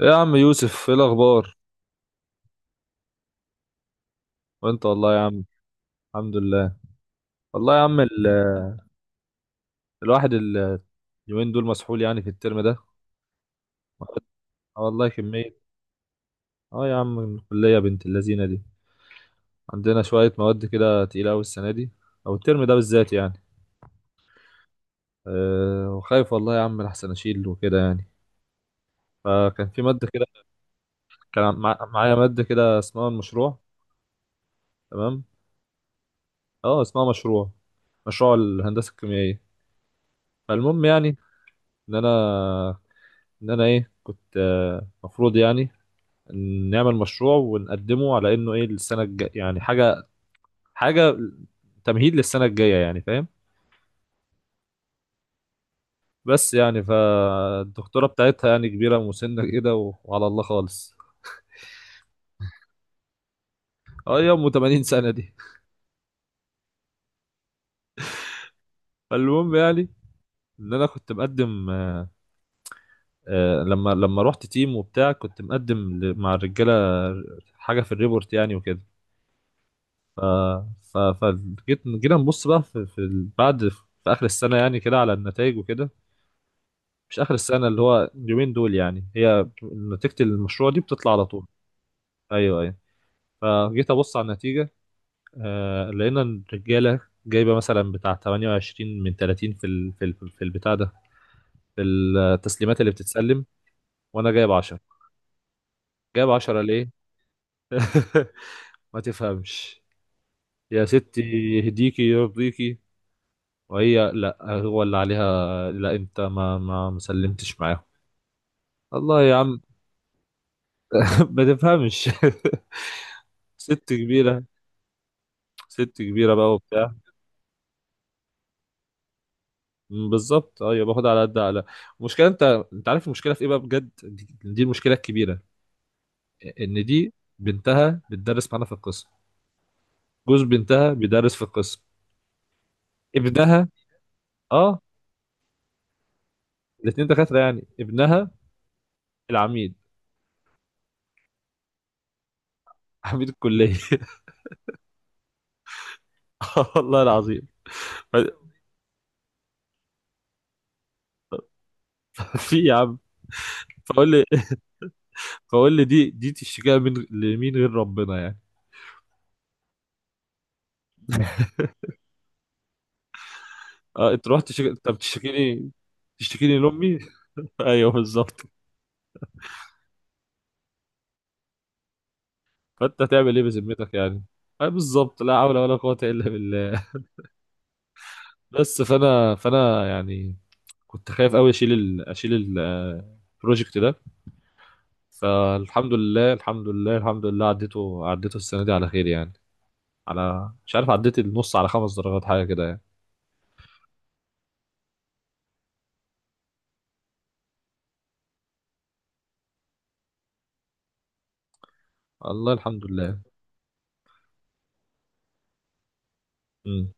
إيه يا عم يوسف، ايه الاخبار؟ وانت والله يا عم. الحمد لله. والله يا عم الواحد ال- اليومين دول مسحول يعني في الترم ده. آه والله، كمية. اه يا عم، الكلية بنت اللذينة دي. عندنا شوية مواد كده تقيلة أوي السنة دي، أو الترم ده بالذات يعني. أه وخايف والله يا عم لحسن أشيل وكده يعني. فكان في مادة كده، كان معايا مادة كده اسمها المشروع. تمام. اه، اسمها مشروع، مشروع الهندسة الكيميائية. فالمهم يعني، إن أنا ان انا ايه كنت، مفروض يعني إن نعمل مشروع ونقدمه على انه ايه للسنه الجايه، يعني حاجه تمهيد للسنه الجايه، يعني فاهم. بس يعني فالدكتوره بتاعتها يعني كبيره ومسنه كده وعلى الله خالص. اه يا ام، 80 سنه دي. فالمهم يعني ان انا كنت مقدم. لما رحت تيم وبتاع كنت مقدم، مع الرجاله، حاجه في الريبورت يعني وكده. ف ف فجيت، جينا نبص بقى، بعد في اخر السنه يعني كده على النتائج وكده. مش اخر السنه، اللي هو اليومين دول يعني، هي نتيجه المشروع دي بتطلع على طول. ايوه، ايوه. فجيت ابص على النتيجه. آه لقينا إن الرجاله جايبه مثلا بتاع 28 من 30 في البتاع ده، في التسليمات اللي بتتسلم. وانا جايب 10. جايب 10 ليه؟ ما تفهمش يا ستي، يهديكي يرضيكي. وهي لا هو اللي عليها، لا انت ما مسلمتش معاهم. الله يا عم. ما تفهمش. ست كبيرة، ست كبيره بقى وبتاع. بالظبط، ايوه، باخد على قد على. المشكله انت، انت عارف المشكله في ايه بقى بجد؟ دي المشكله الكبيره، ان دي بنتها بتدرس معانا في القسم، جوز بنتها بيدرس في القسم، ابنها. اه. الاثنين دكاتره يعني، ابنها العميد، عميد الكليه. والله العظيم. ف- في يا عم. فقول لي فقول لي دي تشتكيها من لمين غير ربنا يعني. اه، انت رحت تشتكي، انت بتشتكيني، تشتكيني لامي. ايوه بالظبط. فانت هتعمل ايه بذمتك يعني؟ اه بالظبط، لا حول ولا قوه الا بالله. بس فانا يعني كنت خايف قوي البروجكت ده. فالحمد لله، الحمد لله، الحمد لله، عديته السنه دي على خير يعني، على مش عارف، عديت النص على خمس درجات حاجه كده يعني. الله، الحمد لله. امم،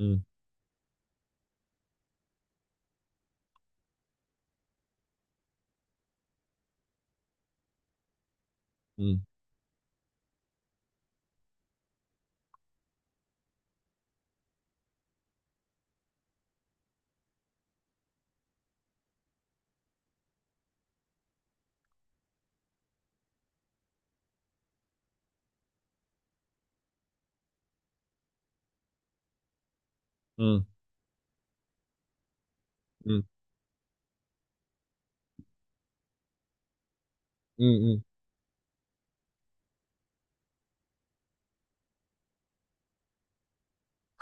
امم، امم، امم، امم، امم.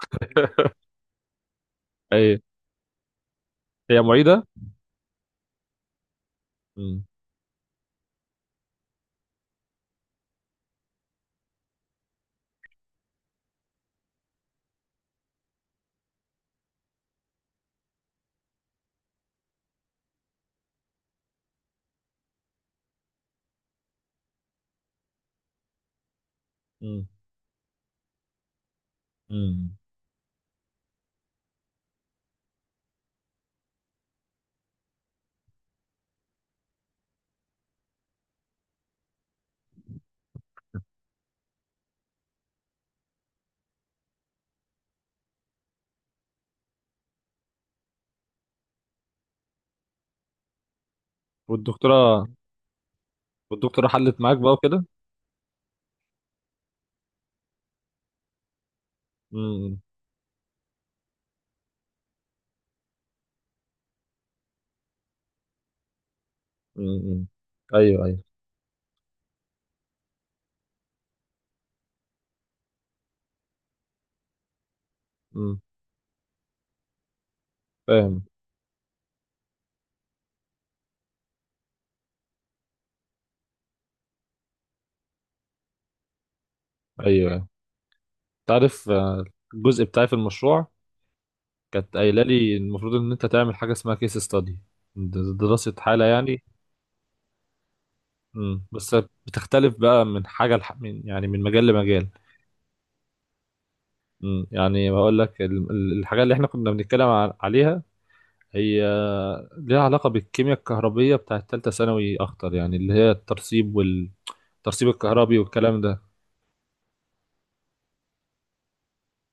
هي هي معيده. امم، امم، امم. والدكتوره والدكتوره حلت معاك بقى وكده. امم، امم. ايوه، ايوه. مم، فاهم. ايوه. تعرف، الجزء بتاعي في المشروع كانت قايله لي المفروض ان انت تعمل حاجه اسمها كيس ستادي، دراسه حاله يعني. مم، بس بتختلف بقى من يعني من مجال لمجال. مم، يعني بقول لك الحاجه اللي احنا كنا بنتكلم عليها، هي ليها علاقه بالكيمياء الكهربيه بتاعت ثالثه ثانوي اكتر يعني، اللي هي الترسيب والترسيب الكهربي والكلام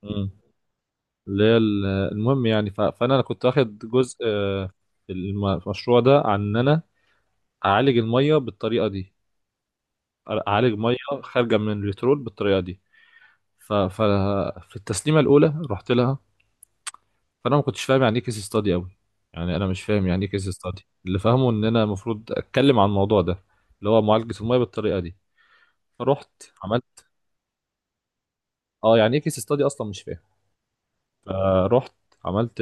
ده، اللي هي المهم يعني. فانا كنت واخد جزء، المشروع ده، عن ان انا اعالج الميه بالطريقه دي، اعالج ميه خارجه من البترول بالطريقه دي. ففي التسليمه الاولى رحت لها، فانا ما كنتش فاهم يعني ايه كيس ستادي قوي، يعني انا مش فاهم يعني ايه كيس ستادي. اللي فاهمه ان انا المفروض اتكلم عن الموضوع ده، اللي هو معالجه الميه بالطريقه دي. فرحت عملت. اه، يعني ايه كيس ستادي اصلا مش فاهم. فرحت، عملت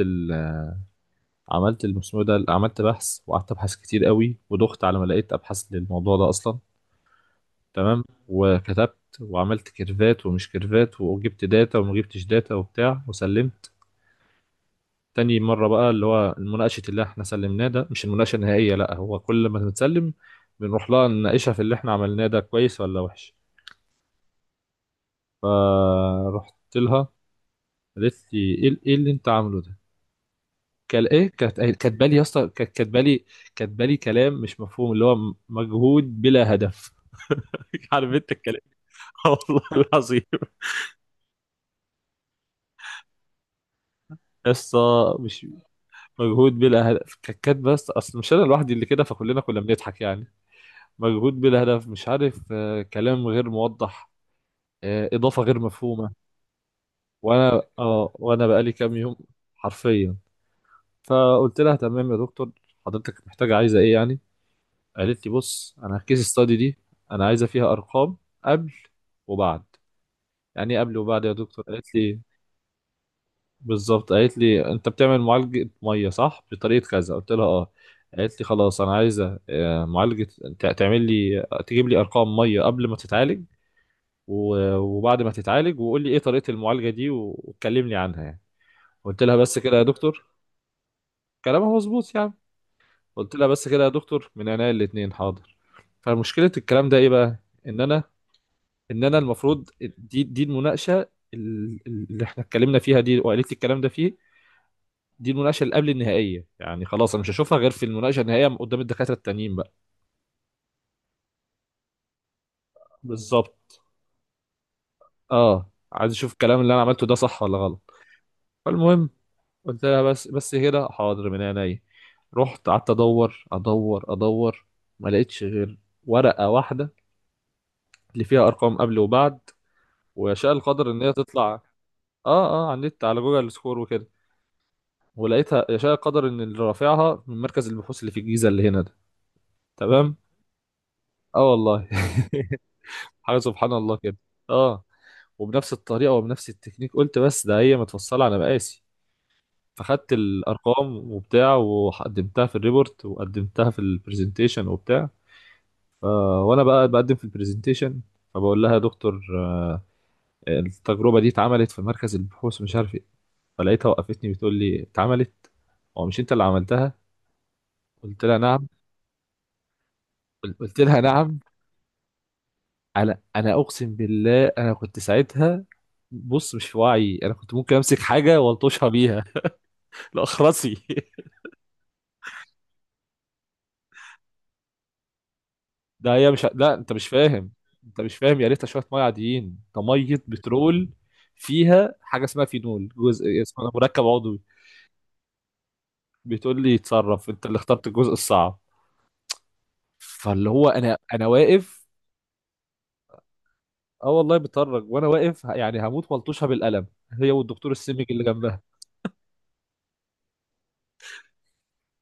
عملت المسمار ده، عملت بحث وقعدت ابحث كتير قوي ودخت على ما لقيت ابحاث للموضوع ده اصلا. تمام. وكتبت وعملت كيرفات ومش كيرفات، وجبت داتا وما جبتش داتا وبتاع، وسلمت. تاني مرة بقى، اللي هو المناقشة اللي احنا سلمناه ده مش المناقشة النهائية، لا، هو كل ما بنتسلم بنروح لها نناقشها في اللي احنا عملناه ده، كويس ولا وحش. فرحت لها، قالت لي ايه اللي انت عامله ده؟ كال ايه كانت كاتبالي يا اسطى، كانت كاتبالي كاتبالي كلام مش مفهوم، اللي هو مجهود بلا هدف. عارف انت الكلام. والله العظيم. قصة، مش مجهود بلا هدف ككات، بس اصل مش انا لوحدي اللي كده، فكلنا كنا بنضحك يعني. مجهود بلا هدف، مش عارف، كلام غير موضح، اضافة غير مفهومة. وانا بقالي كام يوم، حرفيا. فقلت لها تمام يا دكتور، حضرتك محتاجة، عايزة ايه يعني؟ قالت لي بص، انا الكيس ستادي دي انا عايزة فيها ارقام، قبل وبعد. يعني ايه قبل وبعد يا دكتور؟ قالت لي، بالظبط، قالت لي انت بتعمل معالجة مية صح بطريقة كذا. قلت لها اه. قالت لي خلاص، انا عايزة معالجة، تعمل لي، تجيب لي ارقام مية قبل ما تتعالج وبعد ما تتعالج، وقول لي ايه طريقة المعالجة دي، وتكلمني عنها يعني. قلت لها بس كده يا دكتور؟ كلامها مظبوط يعني. قلت لها بس كده يا دكتور، من عينيا الاتنين، حاضر. فمشكلة الكلام ده ايه بقى؟ ان انا ان انا المفروض، دي المناقشة، اللي احنا اتكلمنا فيها دي وقالت لي الكلام ده فيه. دي المناقشه اللي قبل النهائيه يعني، خلاص انا مش هشوفها غير في المناقشه النهائيه قدام الدكاتره التانيين بقى. بالظبط. اه، عايز اشوف الكلام اللي انا عملته ده صح ولا غلط. فالمهم، قلت لها بس كده حاضر، من عينيا. رحت قعدت ادور ادور ادور، ما لقيتش غير ورقه واحده اللي فيها ارقام قبل وبعد. ويشاء القدر ان هي تطلع. اه، اه، على النت، على جوجل سكور وكده. ولقيتها يشاء القدر ان اللي رافعها من مركز البحوث اللي في الجيزه اللي هنا ده. تمام. اه والله. حاجه سبحان الله كده. اه. وبنفس الطريقه وبنفس التكنيك، قلت بس ده هي متفصله على مقاسي. فخدت الارقام وبتاع وقدمتها في الريبورت وقدمتها في البرزنتيشن وبتاع. ف... وانا بقى بقدم في البرزنتيشن، فبقول لها يا دكتور، التجربه دي اتعملت في مركز البحوث مش عارف ايه. فلقيتها وقفتني بتقول لي اتعملت؟ هو مش انت اللي عملتها؟ قلت لها نعم. قلت لها نعم. انا اقسم بالله انا كنت ساعتها، بص، مش في وعي، انا كنت ممكن امسك حاجه والطشها بيها. لاخرسي. ده هي مش، لا، انت مش فاهم، انت مش فاهم، يا ريتها شويه ميه عاديين، ده ميه بترول، فيها حاجه اسمها فينول، جزء اسمه مركب عضوي. بتقول لي اتصرف انت اللي اخترت الجزء الصعب. فاللي هو انا واقف. اه والله بتفرج وانا واقف، يعني هموت ملطوشه بالقلم، هي والدكتور السمج اللي جنبها.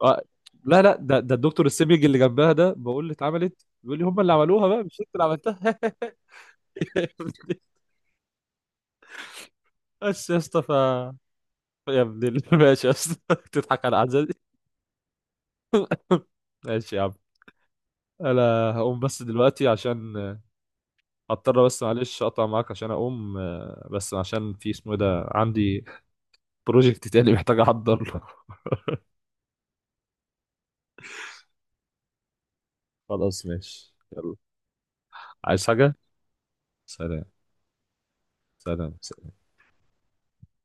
اه. لا، لا، ده الدكتور السمج اللي جنبها ده بقول له اتعملت، بيقول لي هم اللي عملوها بقى، مش انت اللي عملتها. بس يا اسطى، ف، ماشي يا اسطى. تضحك على عزاز. ماشي يا عم. انا هقوم بس دلوقتي عشان هضطر بس معلش اقطع معاك عشان اقوم، بس عشان في اسمه إيه ده، عندي بروجكت تاني محتاج احضر له. خلاص ماشي يلا. عايز حاجة. سلام، سلام، سلام.